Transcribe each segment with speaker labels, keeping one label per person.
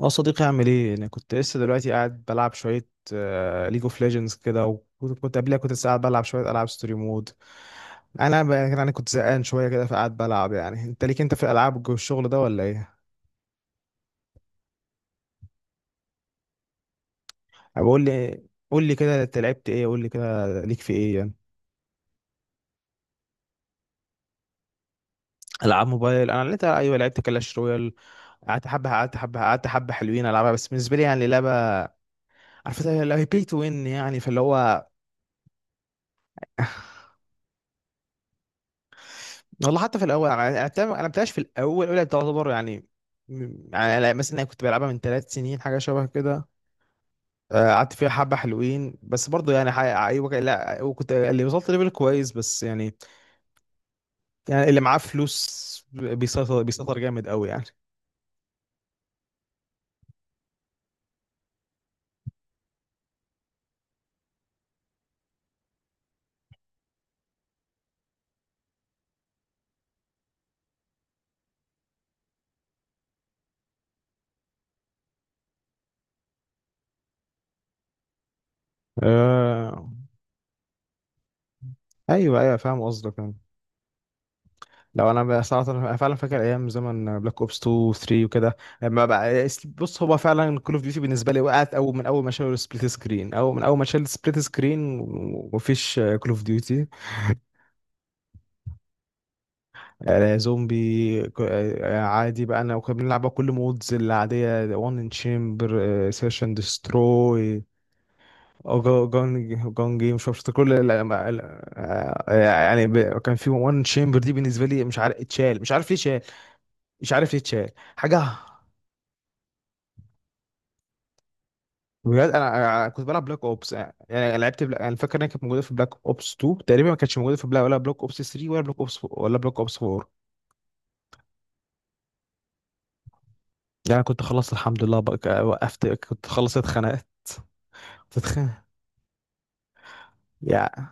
Speaker 1: اه، صديقي، اعمل ايه؟ انا كنت لسه دلوقتي قاعد بلعب شويه ليج اوف ليجندز كده، وكنت كنت قبلها كنت لسه قاعد بلعب شويه العاب ستوري مود. انا كنت زهقان شويه كده فقعد بلعب. يعني انت، ليك انت في الالعاب الشغل ده ولا ايه؟ بقول لي، قول لي كده انت لعبت ايه، قول لي كده ليك في ايه يعني. العاب موبايل، انا لعبت، ايوه لعبت كلاش رويال. قعدت حبه حلوين، العبها بس بالنسبه لي يعني لعبه، عارف اللي هي بي تو وين يعني، فاللي هو والله حتى في الاول، انا أنا- أنا ما لعبتهاش في الاول، الاولى تعتبر يعني. يعني أنا مثلا، كنت بلعبها من 3 سنين، حاجه شبه كده. آه، قعدت فيها حبه حلوين بس برضو يعني ايوه لا، وكنت اللي وصلت ليفل كويس بس يعني، يعني اللي معاه فلوس بيسيطر جامد قوي يعني. آه، ايوه ايوه، فاهم قصدك يعني. لو انا بقى صراحه، أنا فعلا فاكر ايام زمن بلاك اوبس 2 و 3 وكده. لما بقى بص، هو فعلا كول اوف ديوتي بالنسبه لي وقعت اول، من اول ما شالوا السبليت سكرين، او من اول ما شال السبليت سكرين ومفيش كول اوف ديوتي. زومبي آه، عادي بقى انا، وكنا بنلعب بقى كل مودز العاديه، وان ان تشامبر، سيرش اند دستروي. جون جون جيم، مش عارف كل آه، يعني كان في وان تشامبر دي بالنسبه لي، مش عارف اتشال، مش عارف ليه اتشال، مش عارف ليه اتشال حاجه. بجد، انا كنت بلعب بلاك اوبس يعني، انا فاكر انها كانت موجوده في بلاك اوبس 2 تقريبا، ما كانتش موجوده في ولا بلاك اوبس 3، ولا بلاك اوبس، ولا بلاك اوبس 4 يعني. كنت خلصت الحمد لله بقى، وقفت، كنت خلصت، اتخانقت، كنت اتخانق. يا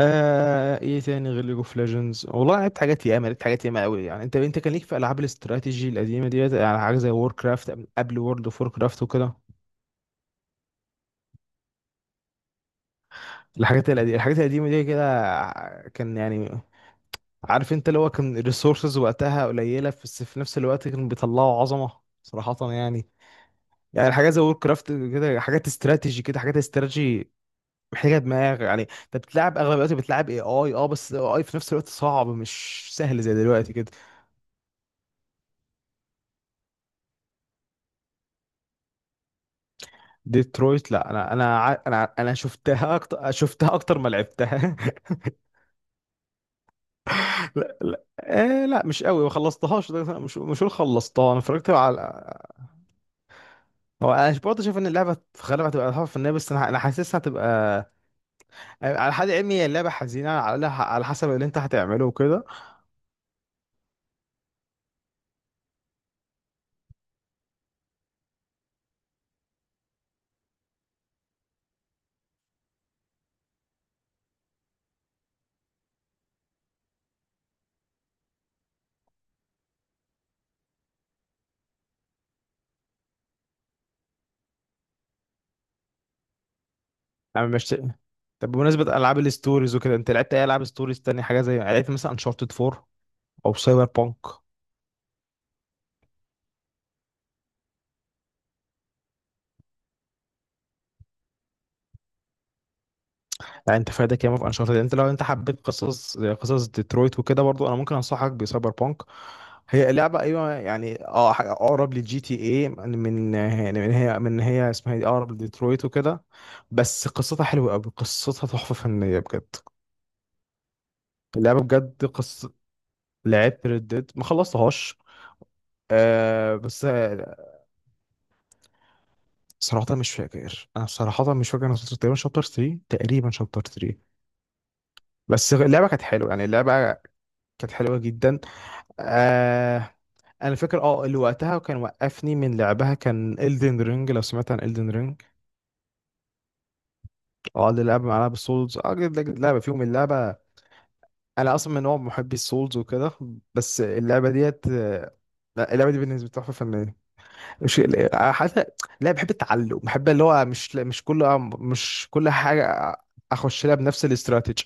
Speaker 1: آه، ايه تاني غير ليج اوف ليجندز؟ والله، أنا لعبت حاجات ياما، لعبت حاجات ياما قوي يعني. انت، كان ليك في العاب الاستراتيجي القديمه ديت يعني، حاجه زي وور كرافت قبل وورلد اوف وور كرافت وكده. الحاجات القديمه دي كده آه، كان يعني عارف انت، اللي هو كان الريسورسز وقتها قليله، بس في نفس الوقت كانوا بيطلعوا عظمه صراحه يعني. يعني حاجه زي وور كرافت كده، حاجات استراتيجي محتاجه دماغ يعني. انت بتلعب اغلب الوقت بتلعب اي اي اه، بس اي في نفس الوقت صعب، مش سهل زي دلوقتي كده. ديترويت، لا، انا شفتها اكتر، شفتها اكتر ما لعبتها. لا لا آه، لا مش قوي، ما خلصتهاش، مش هقول خلصتها، انا اتفرجت على، هو انا برضه شايف ان اللعبه في غالبها هتبقى تحفه فنيه بس انا حاسسها هتبقى. على حد علمي، هي اللعبة حزينة، على الأقل على حسب اللي أنت هتعمله وكده. أنا مش. طب، بمناسبة ألعاب الستوريز وكده، أنت لعبت أي ألعاب ستوريز تانية؟ حاجة زي يعني، لعبت مثلا أنشارتد 4 أو سايبر بانك؟ يعني، أنت فايدك ياما في أنشارتد. أنت لو أنت حبيت قصص زي قصص ديترويت وكده، برضو أنا ممكن أنصحك بسايبر بانك. هي لعبة، أيوة يعني، أه حاجة أقرب للجي تي إيه من من يعني من هي، هي اسمها إيه دي، أقرب لديترويت وكده. بس قصتها حلوة أوي، قصتها تحفة فنية بجد. اللعبة بجد قص لعبت ريد ديد، ما خلصتهاش آه، بس آه، صراحة مش فاكر، انا وصلت تقريبا شابتر 3، تقريبا شابتر 3. بس اللعبة كانت حلوة يعني، كانت حلوة جدا. آه، انا فاكر اه اللي وقتها كان وقفني من لعبها، كان Elden Ring. لو سمعت عن Elden Ring، اه، اللي لعبة مع لعبة سولز، اه لعبة فيهم اللعبة. انا اصلا من نوع محبي السولز وكده، بس اللعبة ديت آه، لا، اللعبة دي بالنسبة لي تحفة فنية. مش حتى لا، بحب التعلم، بحب اللي هو مش كل آه، مش كل حاجه اخش لها بنفس الاستراتيجي.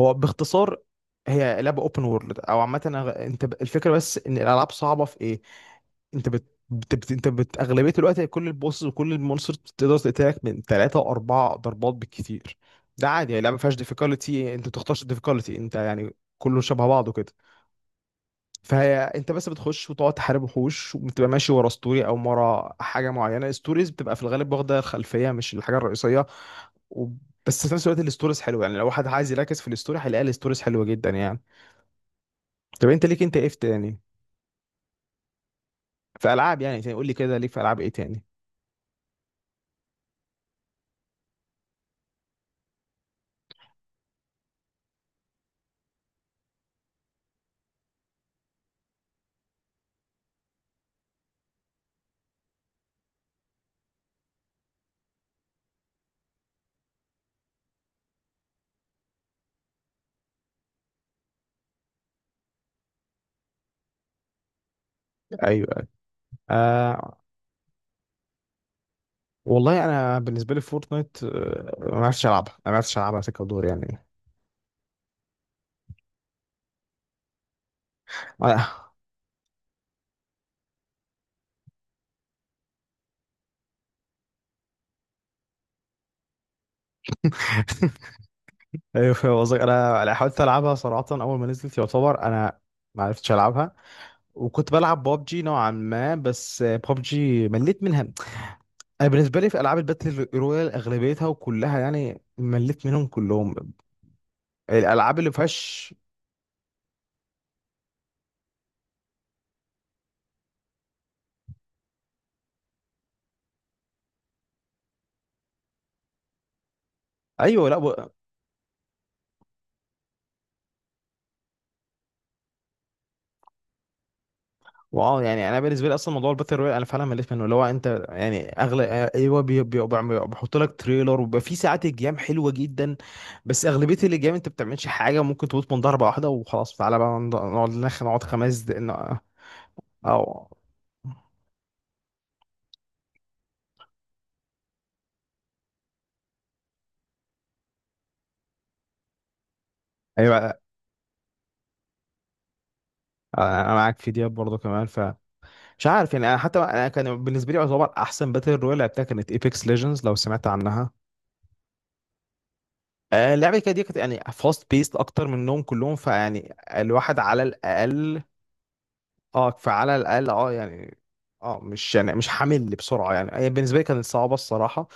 Speaker 1: هو باختصار، هي لعبه اوبن وورلد او عامه، الفكره بس ان الالعاب صعبه في ايه. انت بت... بت... بت... انت بت... اغلبيه الوقت كل البوسز وكل المونسترز بتقدر تقتلك من 3 و4 ضربات بالكتير. ده عادي يعني، لعبه ما فيهاش ديفيكولتي، انت ما بتختارش الديفيكولتي انت يعني، كله شبه بعضه كده. فانت بس بتخش وتقعد تحارب وحوش، وبتبقى ماشي ورا ستوري او ورا حاجه معينه. الستوريز بتبقى في الغالب واخده الخلفيه، مش الحاجه الرئيسيه، و... بس في نفس الوقت الستوريز حلوه يعني، لو واحد عايز يركز في الستوري هيلاقي الستوريز حلوه جدا يعني. طب انت، ليك انت ايه في تاني؟ في العاب يعني تاني، قول لي كده ليك في العاب ايه تاني. ايوه. أيوة. آه، والله انا بالنسبه لي فورتنايت آه، ما عرفتش العبها، ما عرفتش العبها سكه ودور يعني. انا ايوه فاهم قصدك. انا حاولت العبها صراحه اول ما نزلت يعتبر، انا ما عرفتش العبها. وكنت بلعب بابجي نوعا ما، بس بابجي مليت منها. انا بالنسبه لي في العاب الباتل رويال اغلبيتها وكلها يعني، مليت منهم كلهم. الالعاب اللي فيهاش، ايوه لا و- واو يعني انا بالنسبه لي اصلا موضوع الباتل رويال انا فعلا مليت منه. اللي هو انت يعني اغلب، ايوه بيحط لك تريلر وبيبقى في ساعات الجيم حلوه جدا. بس اغلبيه الجيم انت بتعملش حاجه، ممكن تموت من ضربه واحده، وخلاص تعالى بقى نقعد 5 دقايق او. ايوه انا معاك في دياب برضه كمان. مش عارف يعني، انا حتى انا كان بالنسبه لي يعتبر احسن باتل رويال لعبتها كانت ايبكس ليجندز، لو سمعت عنها. آه، اللعبه كده دي كانت يعني فاست بيست اكتر منهم كلهم. فيعني الواحد على الاقل، اه فعلى الاقل اه يعني. اه، مش يعني مش حامل بسرعه يعني. هي بالنسبه لي كانت صعبه الصراحه،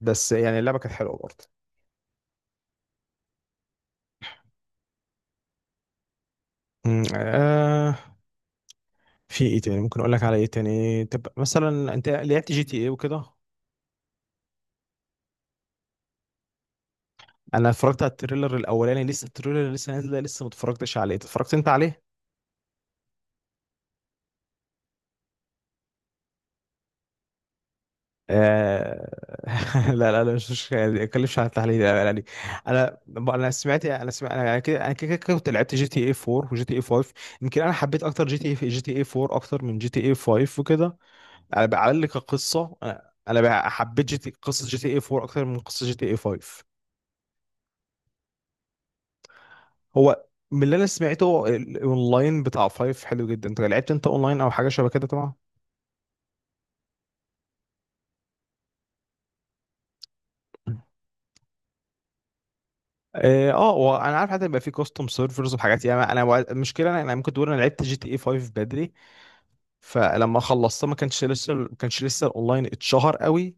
Speaker 1: بس يعني اللعبه كانت حلوه برضه. آه، في ايه تاني ممكن اقول لك على ايه تاني؟ طب مثلا، انت لعبت جي تي ايه وكده؟ انا اتفرجت على التريلر الاولاني، لسه التريلر لسه نازله، لسه ما اتفرجتش عليه. اتفرجت انت عليه؟ آه، لا مش مش يعني، ما اتكلمش عن التحليل، لا لا، يعني انا، انا سمعت انا سمعت انا كده انا كده كده كنت لعبت جي تي اي 4 وجي تي اي 5. يمكن حبيت اكتر جي تي اي، جي تي اي 4 اكتر من جي تي اي 5 وكده. على على الاقل كقصه، انا بقى حبيت جي تي قصه جي تي اي 4 اكتر من قصه جي تي اي 5. هو، من اللي انا سمعته الاونلاين بتاع 5 حلو جدا. انت لعبت انت اونلاين او حاجه شبه كده طبعا؟ اه، آه، وانا عارف حتى يبقى في كاستم سيرفرز وحاجات يعني. انا المشكله، انا ممكن تقول انا لعبت جي تي اي 5 بدري، فلما خلصتها ما كانش لسه، ما كانش لسه الاونلاين اتشهر قوي.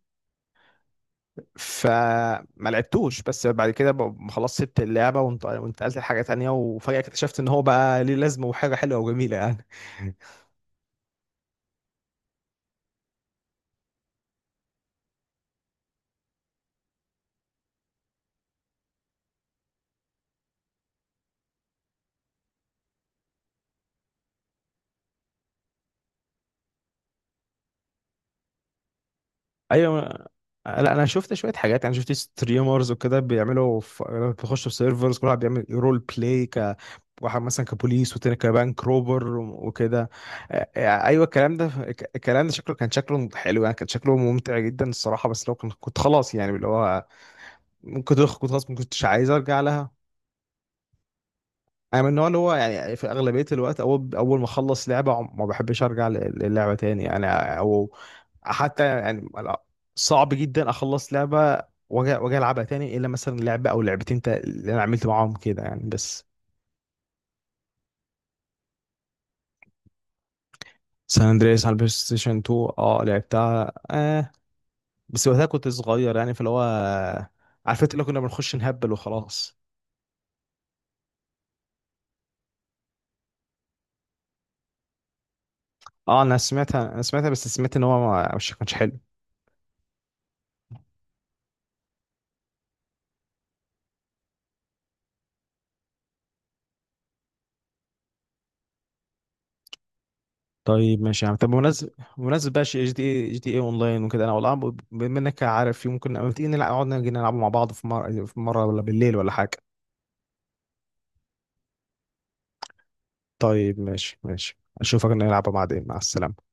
Speaker 1: فما لعبتوش. بس بعد كده خلاص، سبت اللعبه وانتقلت لحاجه تانية، وفجاه اكتشفت ان هو بقى ليه لازمه وحاجه حلوه وجميله يعني. ايوه لا، انا شفت شويه حاجات يعني، شفت ستريمرز وكده بيعملوا بيخشوا في سيرفرز، كل واحد بيعمل رول بلاي. واحد مثلا كبوليس والتاني كبنك روبر وكده. آه، آه، ايوه الكلام ده الكلام ده شكله كان شكله حلو يعني، كان شكله ممتع جدا الصراحه، بس لو كنت، كنت خلاص يعني اللي هو كنت خلاص ما كنتش عايز ارجع لها. انا من النوع اللي هو يعني في اغلبيه الوقت، اول ما اخلص لعبه ما بحبش ارجع للعبه تاني يعني. او حتى يعني لا، صعب جدا اخلص لعبه واجي، العبها تاني، الا مثلا لعبه او لعبتين اللي انا عملت معاهم كده يعني بس. سان اندريس على البلاي ستيشن 2، اه لعبتها آه، بس وقتها كنت صغير يعني، فاللي هو عارف انت اللي كنا بنخش نهبل وخلاص. اه، انا سمعتها بس سمعت ان هو مش كانش حلو. طيب ماشي يا عم، طب بمناسبة، بمناسبة بقى جي دي اي، جي دي اي اونلاين وكده، انا والله بما انك عارف، ممكن اما تيجي نلعب، نقعد نيجي نلعب مع بعض، في مرة في مرة، ولا بالليل ولا حاجة. طيب ماشي ماشي، اشوفك، نلعب بعدين، مع السلامة.